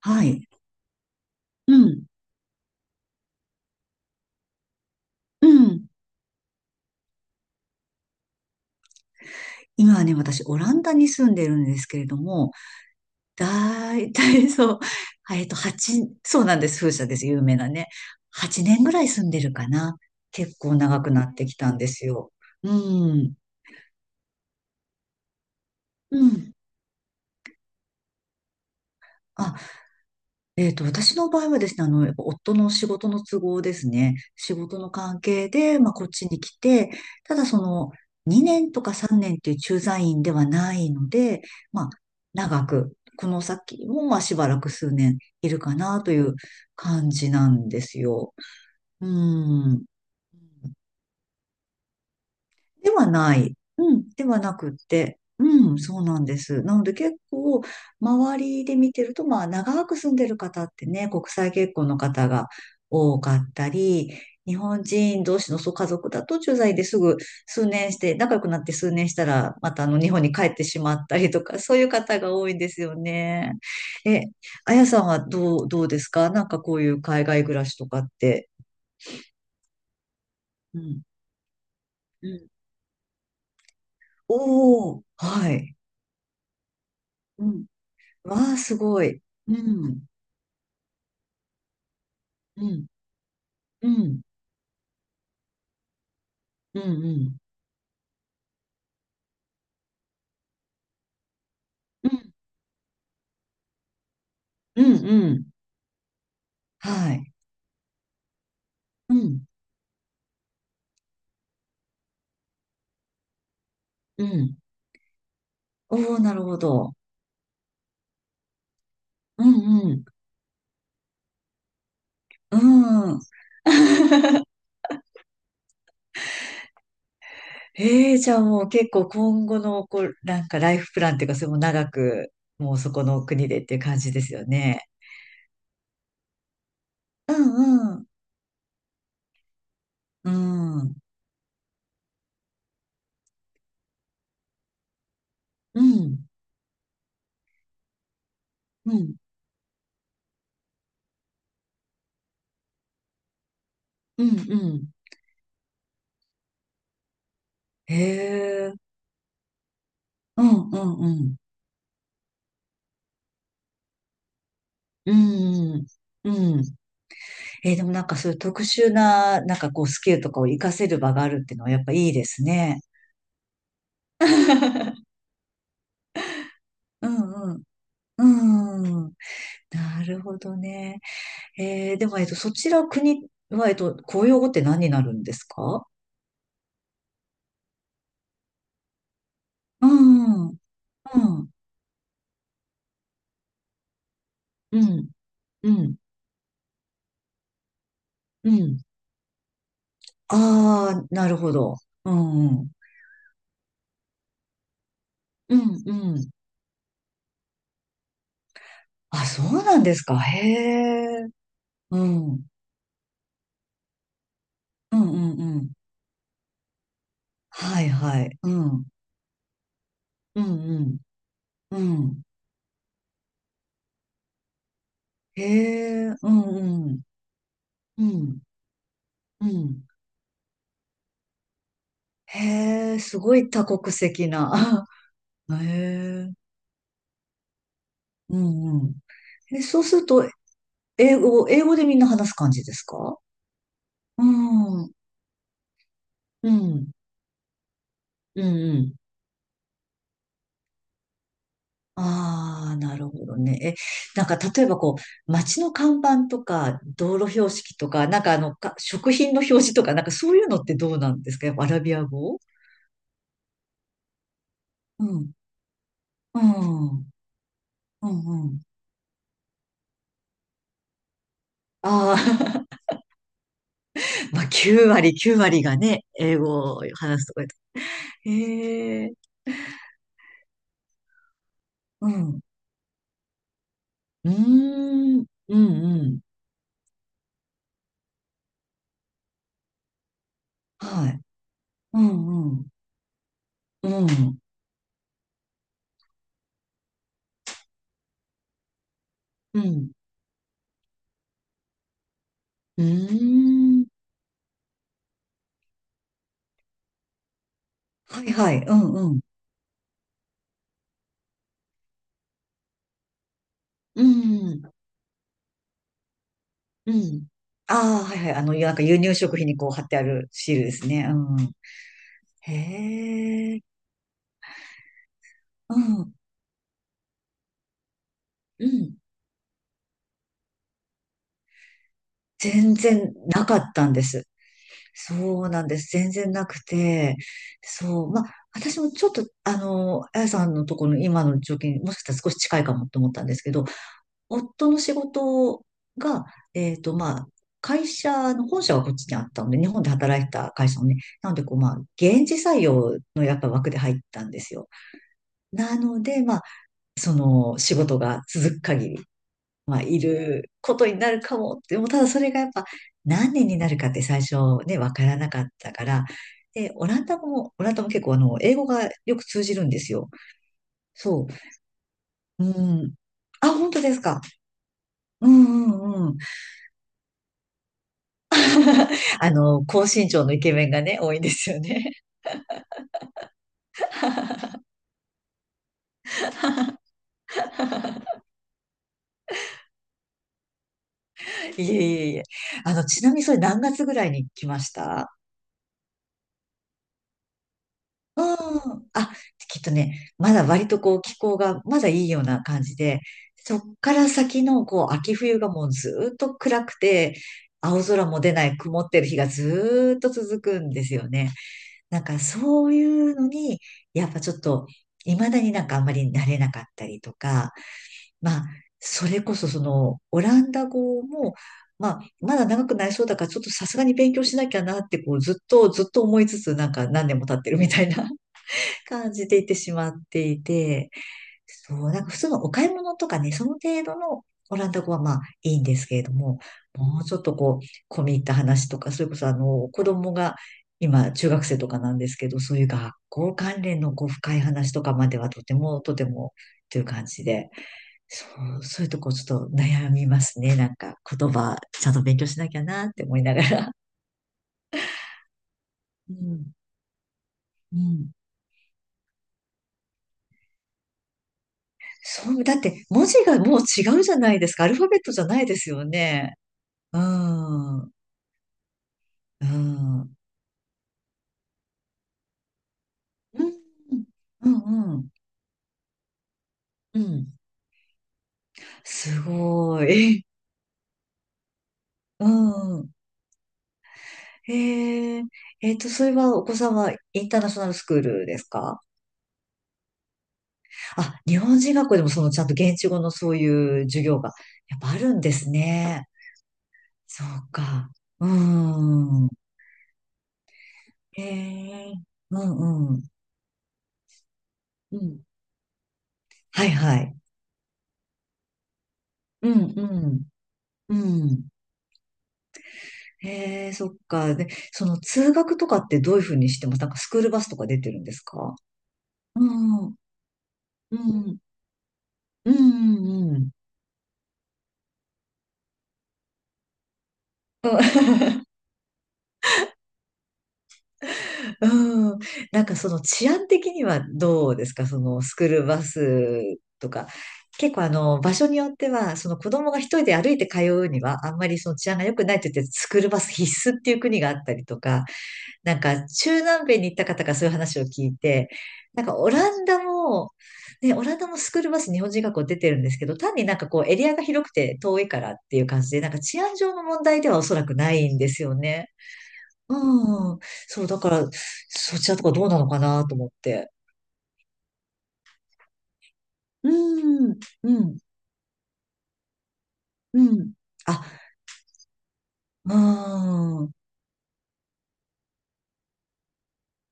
はい。うん。うん。今はね、私、オランダに住んでるんですけれども、だいたいそう、8、そうなんです、風車です、有名なね。8年ぐらい住んでるかな。結構長くなってきたんですよ。うん。うん。あ、私の場合はですね、やっぱ夫の仕事の都合ですね、仕事の関係で、まあ、こっちに来て、ただ2年とか3年という駐在員ではないので、まあ、長く、この先も、まあ、しばらく数年いるかなという感じなんですよ。うん。ではない。うん、ではなくって、うん、そうなんです。なので結構、周りで見てると、まあ、長く住んでる方ってね、国際結婚の方が多かったり、日本人同士のそう家族だと駐在ですぐ数年して、仲良くなって数年したら、また日本に帰ってしまったりとか、そういう方が多いんですよね。え、あやさんはどうですか？なんかこういう海外暮らしとかって。うん。うん、おー、はい。わあ、すごい。うん、うん、うん、うん、うん、うん、うん、うん、はい。うん、うん、おお、なるほど。うん、うん。うん。ええ、じゃあもう結構今後の、こう、なんかライフプランっていうか、それも長く、もうそこの国でっていう感じですよね。うんうん。うん。うんうんうんうん、へえ。うんうんうん。うんうん、でもなんかそういう特殊な、なんかこうスキルとかを活かせる場があるっていうのはやっぱいいですね。うんうん。うん。なるほどね。でも、そちら国は、公用語って何になるんですか？うん。うん。うん。うん。うん。ああ、なるほど。うん。うん。うん。うん、あ、そうなんですか。へえ。うん。うん。うん。うん。はいはい。うん。うん。うん。うん。へえ、うんうん、うん、うん。へえ、すごい多国籍な。へえ、うんうん。え、そうすると、英語でみんな話す感じですか？うん、うん、うん、うん。ああ、なるほどね。え、なんか例えばこう、街の看板とか、道路標識とか、なんか食品の表示とか、なんかそういうのってどうなんですか？やっぱアラビア語？うん、うん、うん、うん。ああ、まあ、9割、9割がね、英語を話すとかへえ、うん。うーん、うん、うん。はい。うん、うん、うん、うん。うーん。はいはい、うん、うん。うん、うん。ああ、はいはい。なんか輸入食品にこう貼ってあるシールですね。うん。へえ、うん、うん。全然なかったんです。そうなんです。全然なくて。そう。まあ、私もちょっと、あやさんのところの今の状況にもしかしたら少し近いかもと思ったんですけど、夫の仕事が、まあ、会社の本社はこっちにあったので、日本で働いてた会社のね、なので、こう、まあ、現地採用のやっぱ枠で入ったんですよ。なので、まあ、その仕事が続く限り。まあ、いることになるかもって、でもただそれがやっぱ何年になるかって最初ね、わからなかったから、で、オランダ語も、オランダも結構英語がよく通じるんですよ。そう。うん。あ、本当ですか？うんうんうん。高身長のイケメンがね、多いんですよね。いえいえいえ。ちなみにそれ何月ぐらいに来ました？うん。あ、きっとね、まだ割とこう気候がまだいいような感じで、そっから先のこう秋冬がもうずーっと暗くて、青空も出ない曇ってる日がずーっと続くんですよね。なんかそういうのに、やっぱちょっと未だになんかあんまり慣れなかったりとか、まあ、それこそそのオランダ語も、まあ、まだ長くなりそうだから、ちょっとさすがに勉強しなきゃなって、こう、ずっと、ずっと思いつつ、なんか何年も経ってるみたいな感じていってしまっていて、そう、なんか普通のお買い物とかね、その程度のオランダ語はまあいいんですけれども、もうちょっとこう、込み入った話とか、それこそ子供が今中学生とかなんですけど、そういう学校関連のこう、深い話とかまではとてもとてもという感じで、そう、そういうとこちょっと悩みますね。なんか言葉ちゃんと勉強しなきゃなって思いながら。うん。うん。そう、だって文字がもう違うじゃないですか。アルファベットじゃないですよね。うん。うん。うん。うん。うん。うん、すごい。え、うん。へえ。それはお子さんはインターナショナルスクールですか？あ、日本人学校でもそのちゃんと現地語のそういう授業が。やっぱあるんですね。そうか。うん。へえ。うんうん。うん。はいはい。うんうん。うん。へえ、そっか。で、その通学とかってどういうふうにしてます？なんかスクールバスとか出てるんですか？うん、うん、うん、うん、うん。うん、なんかその治安的にはどうですか？そのスクールバスとか。結構あの場所によっては、その子供が一人で歩いて通うには、あんまりその治安が良くないって言って、スクールバス必須っていう国があったりとか、なんか中南米に行った方がそういう話を聞いて、なんかオランダも、ね、オランダもスクールバス日本人学校出てるんですけど、単になんかこうエリアが広くて遠いからっていう感じで、なんか治安上の問題ではおそらくないんですよね。うん。そう、だから、そちらとかどうなのかなと思って。うん、うん、うん。あ、うん。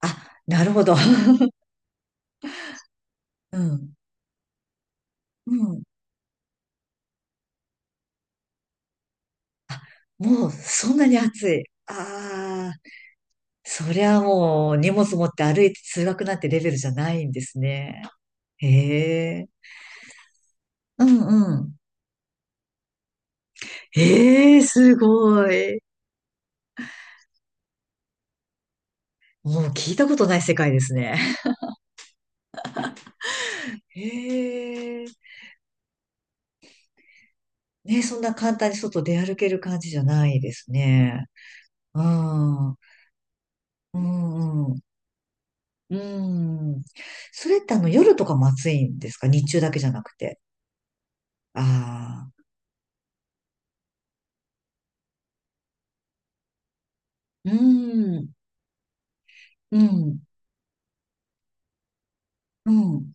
あ、なるほど。うん。うん。もう、そんなに暑い？ああ。そりゃもう荷物持って歩いて通学なんてレベルじゃないんですね。へえ。うんうん。へえ、すごい。もう聞いたことない世界ですね。へえ。ね、そんな簡単に外出歩ける感じじゃないですね。うん。うんうん。うん。それって夜とかも暑いんですか？日中だけじゃなくて。ああ。うん。うん。うん。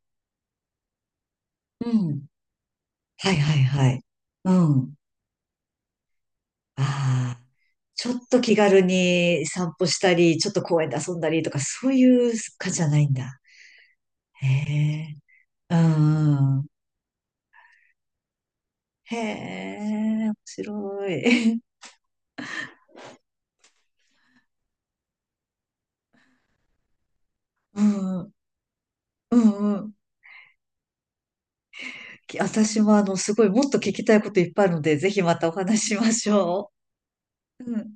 うん。はいはいはい。うん。ああ、ちょっと気軽に散歩したり、ちょっと公園で遊んだりとか、そういうかじゃないんだ。へえ、うん。へえ、面白い。うん、うん、うん。私もすごいもっと聞きたいこといっぱいあるので、ぜひまたお話ししましょう。うん。